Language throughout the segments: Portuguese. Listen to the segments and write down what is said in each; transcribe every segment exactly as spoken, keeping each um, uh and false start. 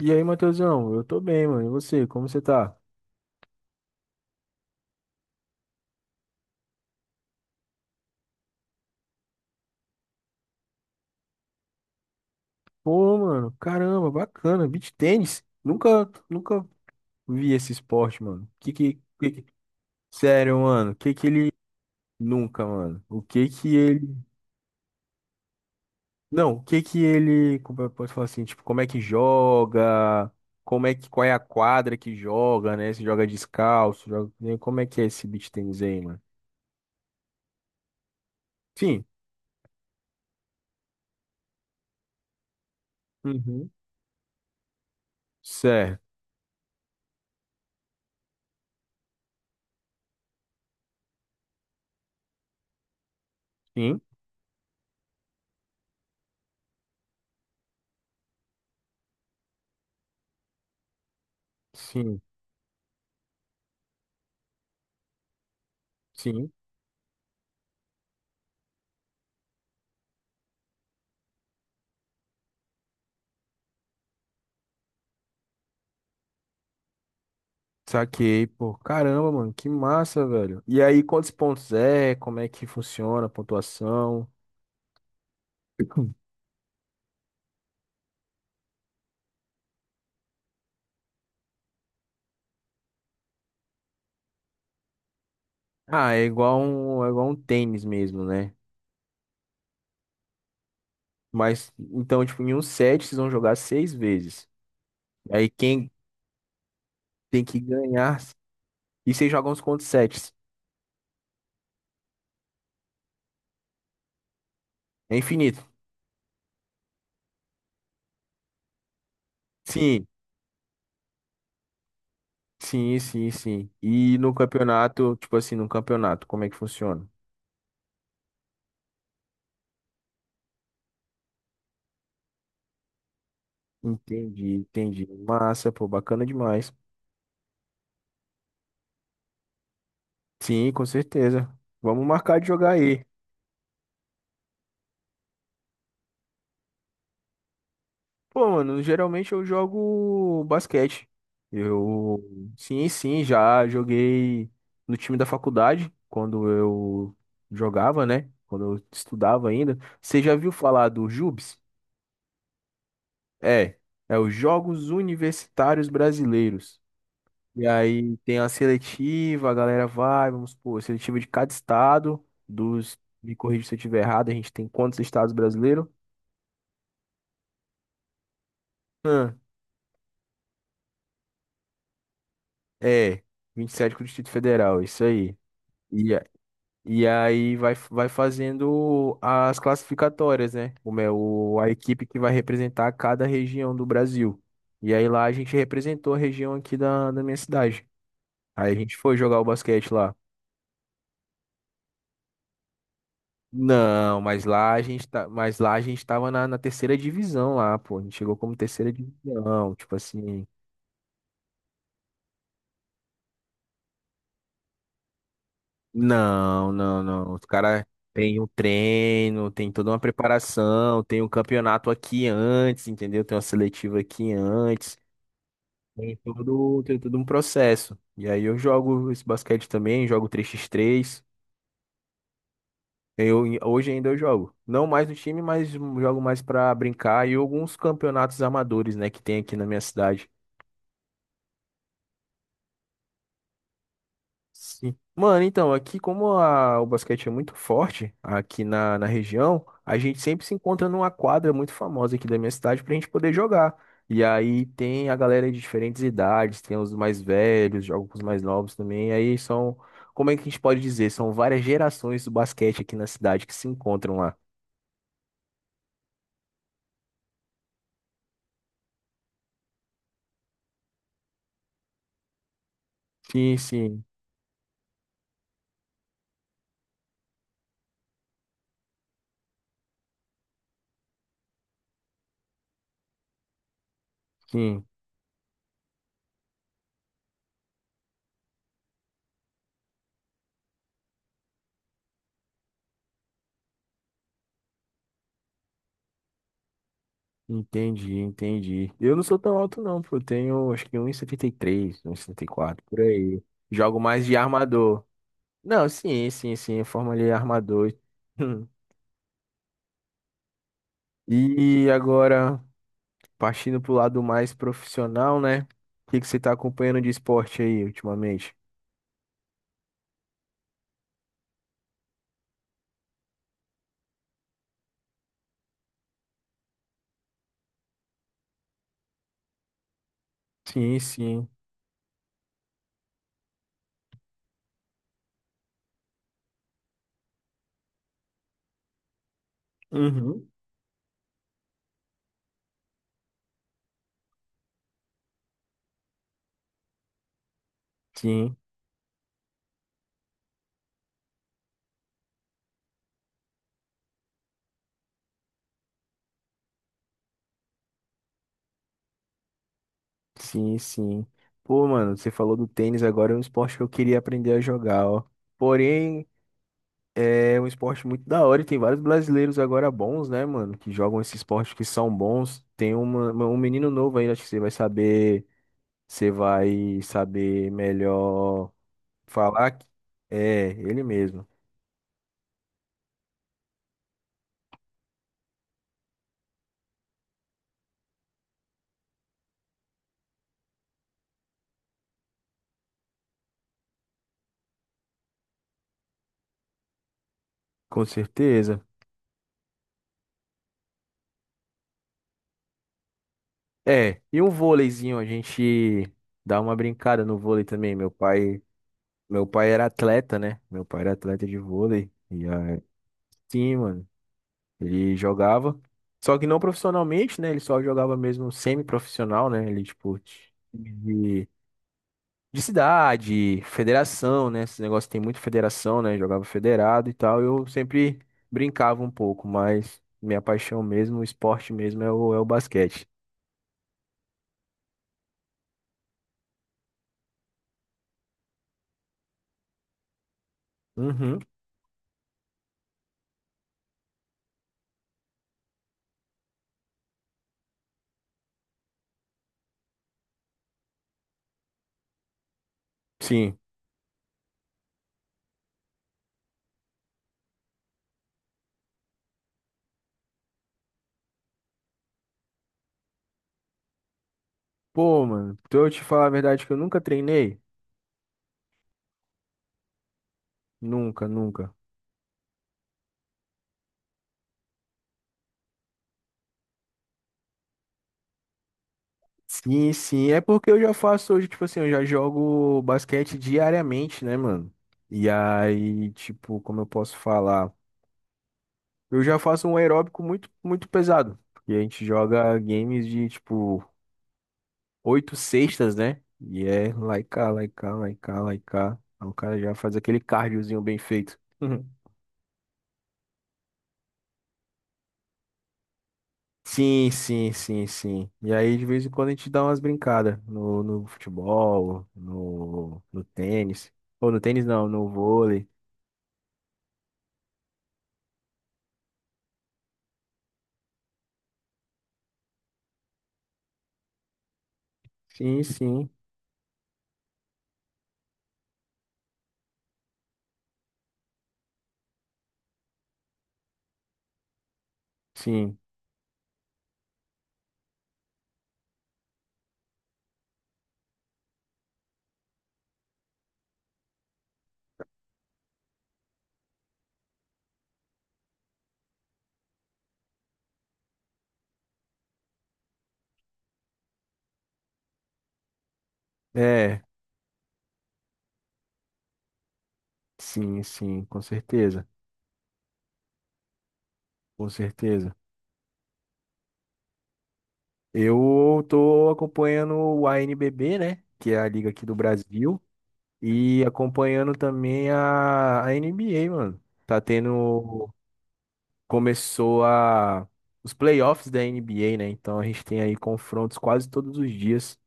E aí, Matheusão, eu tô bem, mano. E você, como você tá? Pô, mano, caramba, bacana. Beach tênis? Nunca, nunca vi esse esporte, mano. Que que, que que- Sério, mano. Que que ele. Nunca, mano. O que que ele. Não, o que que ele. Como eu posso falar assim? Tipo, como é que joga? Como é que. Qual é a quadra que joga, né? Se joga descalço, joga, né? Como é que é esse beach tênis aí, mano? Sim. Uhum. Certo. Sim. Sim. Sim. Saquei, pô. Caramba, mano, que massa, velho. E aí, quantos pontos é? Como é que funciona a pontuação? Ah, é igual um, é igual um tênis mesmo, né? Mas, então, tipo, em um set vocês vão jogar seis vezes. Aí quem tem que ganhar. E vocês jogam uns contra sets. É infinito. Sim, sim, sim, sim. E no campeonato, tipo assim, no campeonato, como é que funciona? Entendi, entendi. Massa, pô, bacana demais. Sim, com certeza. Vamos marcar de jogar aí. Pô, mano, geralmente eu jogo basquete. Eu, sim, sim, já joguei no time da faculdade, quando eu jogava, né? Quando eu estudava ainda. Você já viu falar do JUBs? É, é os Jogos Universitários Brasileiros. E aí tem a seletiva, a galera vai, vamos supor, seletiva de cada estado, dos, me corrija se eu estiver errado, a gente tem quantos estados brasileiros? Hum, é, vinte e sete com o Distrito Federal, isso aí. E E aí vai, vai fazendo as classificatórias, né? Como é o, a equipe que vai representar cada região do Brasil. E aí lá a gente representou a região aqui da, da minha cidade. Aí a gente foi jogar o basquete lá. Não, mas lá a gente tá, mas lá a gente tava na, na terceira divisão lá, pô. A gente chegou como terceira divisão, tipo assim. Não, não, não. Os caras têm um treino, tem toda uma preparação, tem um campeonato aqui antes, entendeu? Tem uma seletiva aqui antes. Tem todo, tem todo um processo. E aí eu jogo esse basquete também, jogo três x três. Eu, hoje ainda eu jogo. Não mais no time, mas jogo mais pra brincar e alguns campeonatos amadores, né, que tem aqui na minha cidade. Sim. Mano, então, aqui como a- o basquete é muito forte aqui na, na região, a gente sempre se encontra numa quadra muito famosa aqui da minha cidade pra gente poder jogar. E aí tem a galera de diferentes idades, tem os mais velhos, jogam com os mais novos também. E aí são, como é que a gente pode dizer? São várias gerações do basquete aqui na cidade que se encontram lá. Sim, sim, sim. Entendi, entendi. Eu não sou tão alto não, pô. Eu tenho, acho que, um um setenta, setenta e três, um e setenta e quatro por aí. Jogo mais de armador. Não, sim, sim, sim, forma ali armador. E E agora, partindo pro lado mais profissional, né? O que que você tá acompanhando de esporte aí ultimamente? Sim, sim. Uhum. Sim, sim, sim. Pô, mano, você falou do tênis agora, é um esporte que eu queria aprender a jogar, ó. Porém, é um esporte muito da hora e tem vários brasileiros agora bons, né, mano, que jogam esse esporte que são bons. Tem uma, um menino novo aí, acho que você vai saber, você vai saber melhor. Falar que é ele mesmo, com certeza. É, e um vôleizinho, a gente dá uma brincada no vôlei também. Meu pai, meu pai era atleta, né? Meu pai era atleta de vôlei. E aí, sim, mano, ele jogava. Só que não profissionalmente, né? Ele só jogava mesmo semi-profissional, né? Ele, tipo, de de cidade, federação, né? Esse negócio tem muito federação, né? Jogava federado e tal. Eu sempre brincava um pouco, mas minha paixão mesmo, o esporte mesmo é o, é o basquete. Uhum, sim. Pô, mano, pra eu te falar a verdade que eu nunca treinei? Nunca, nunca. Sim, sim. É porque eu já faço hoje, tipo assim, eu já jogo basquete diariamente, né, mano? E aí, tipo, como eu posso falar? Eu já faço um aeróbico muito, muito pesado. Porque a gente joga games de, tipo, oito sextas, né? E é lá e cá, lá e cá, lá e cá, lá e cá. Aí o cara já faz aquele cardiozinho bem feito. Uhum. Sim, sim, sim, sim. E aí, de vez em quando, a gente dá umas brincadas no, no futebol, no, no tênis. Ou no tênis não, no vôlei. Sim, sim, sim. É, sim, sim, com certeza. Com certeza. Eu tô acompanhando o a n b b, né? Que é a liga aqui do Brasil. E acompanhando também a, a N B A, mano. Tá tendo. Começou a. Os playoffs da N B A, né? Então a gente tem aí confrontos quase todos os dias.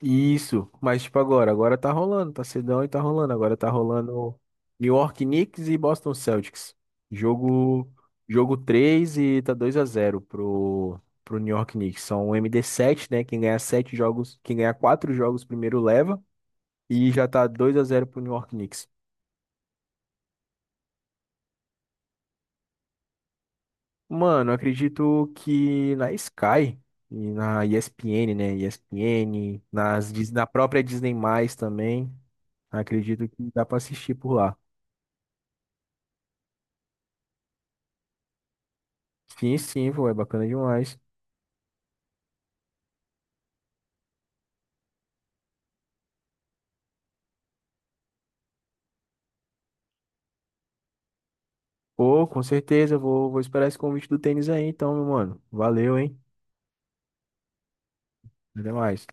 Isso, mas tipo agora, agora tá rolando, tá cedão e tá rolando. Agora tá rolando New York Knicks e Boston Celtics. Jogo, jogo três e tá dois a zero pro, pro New York Knicks. São o md sete, né? Quem ganhar sete jogos, quem ganhar quatro jogos primeiro leva. E já tá dois a zero pro New York Knicks. Mano, eu acredito que na Sky e na E S P N, né? E S P N, nas, Dis- na própria Disney+, também. Acredito que dá pra assistir por lá. Sim, sim, pô, é bacana demais. Pô, com certeza, eu vou, vou esperar esse convite do tênis aí, então, meu mano. Valeu, hein? Até mais.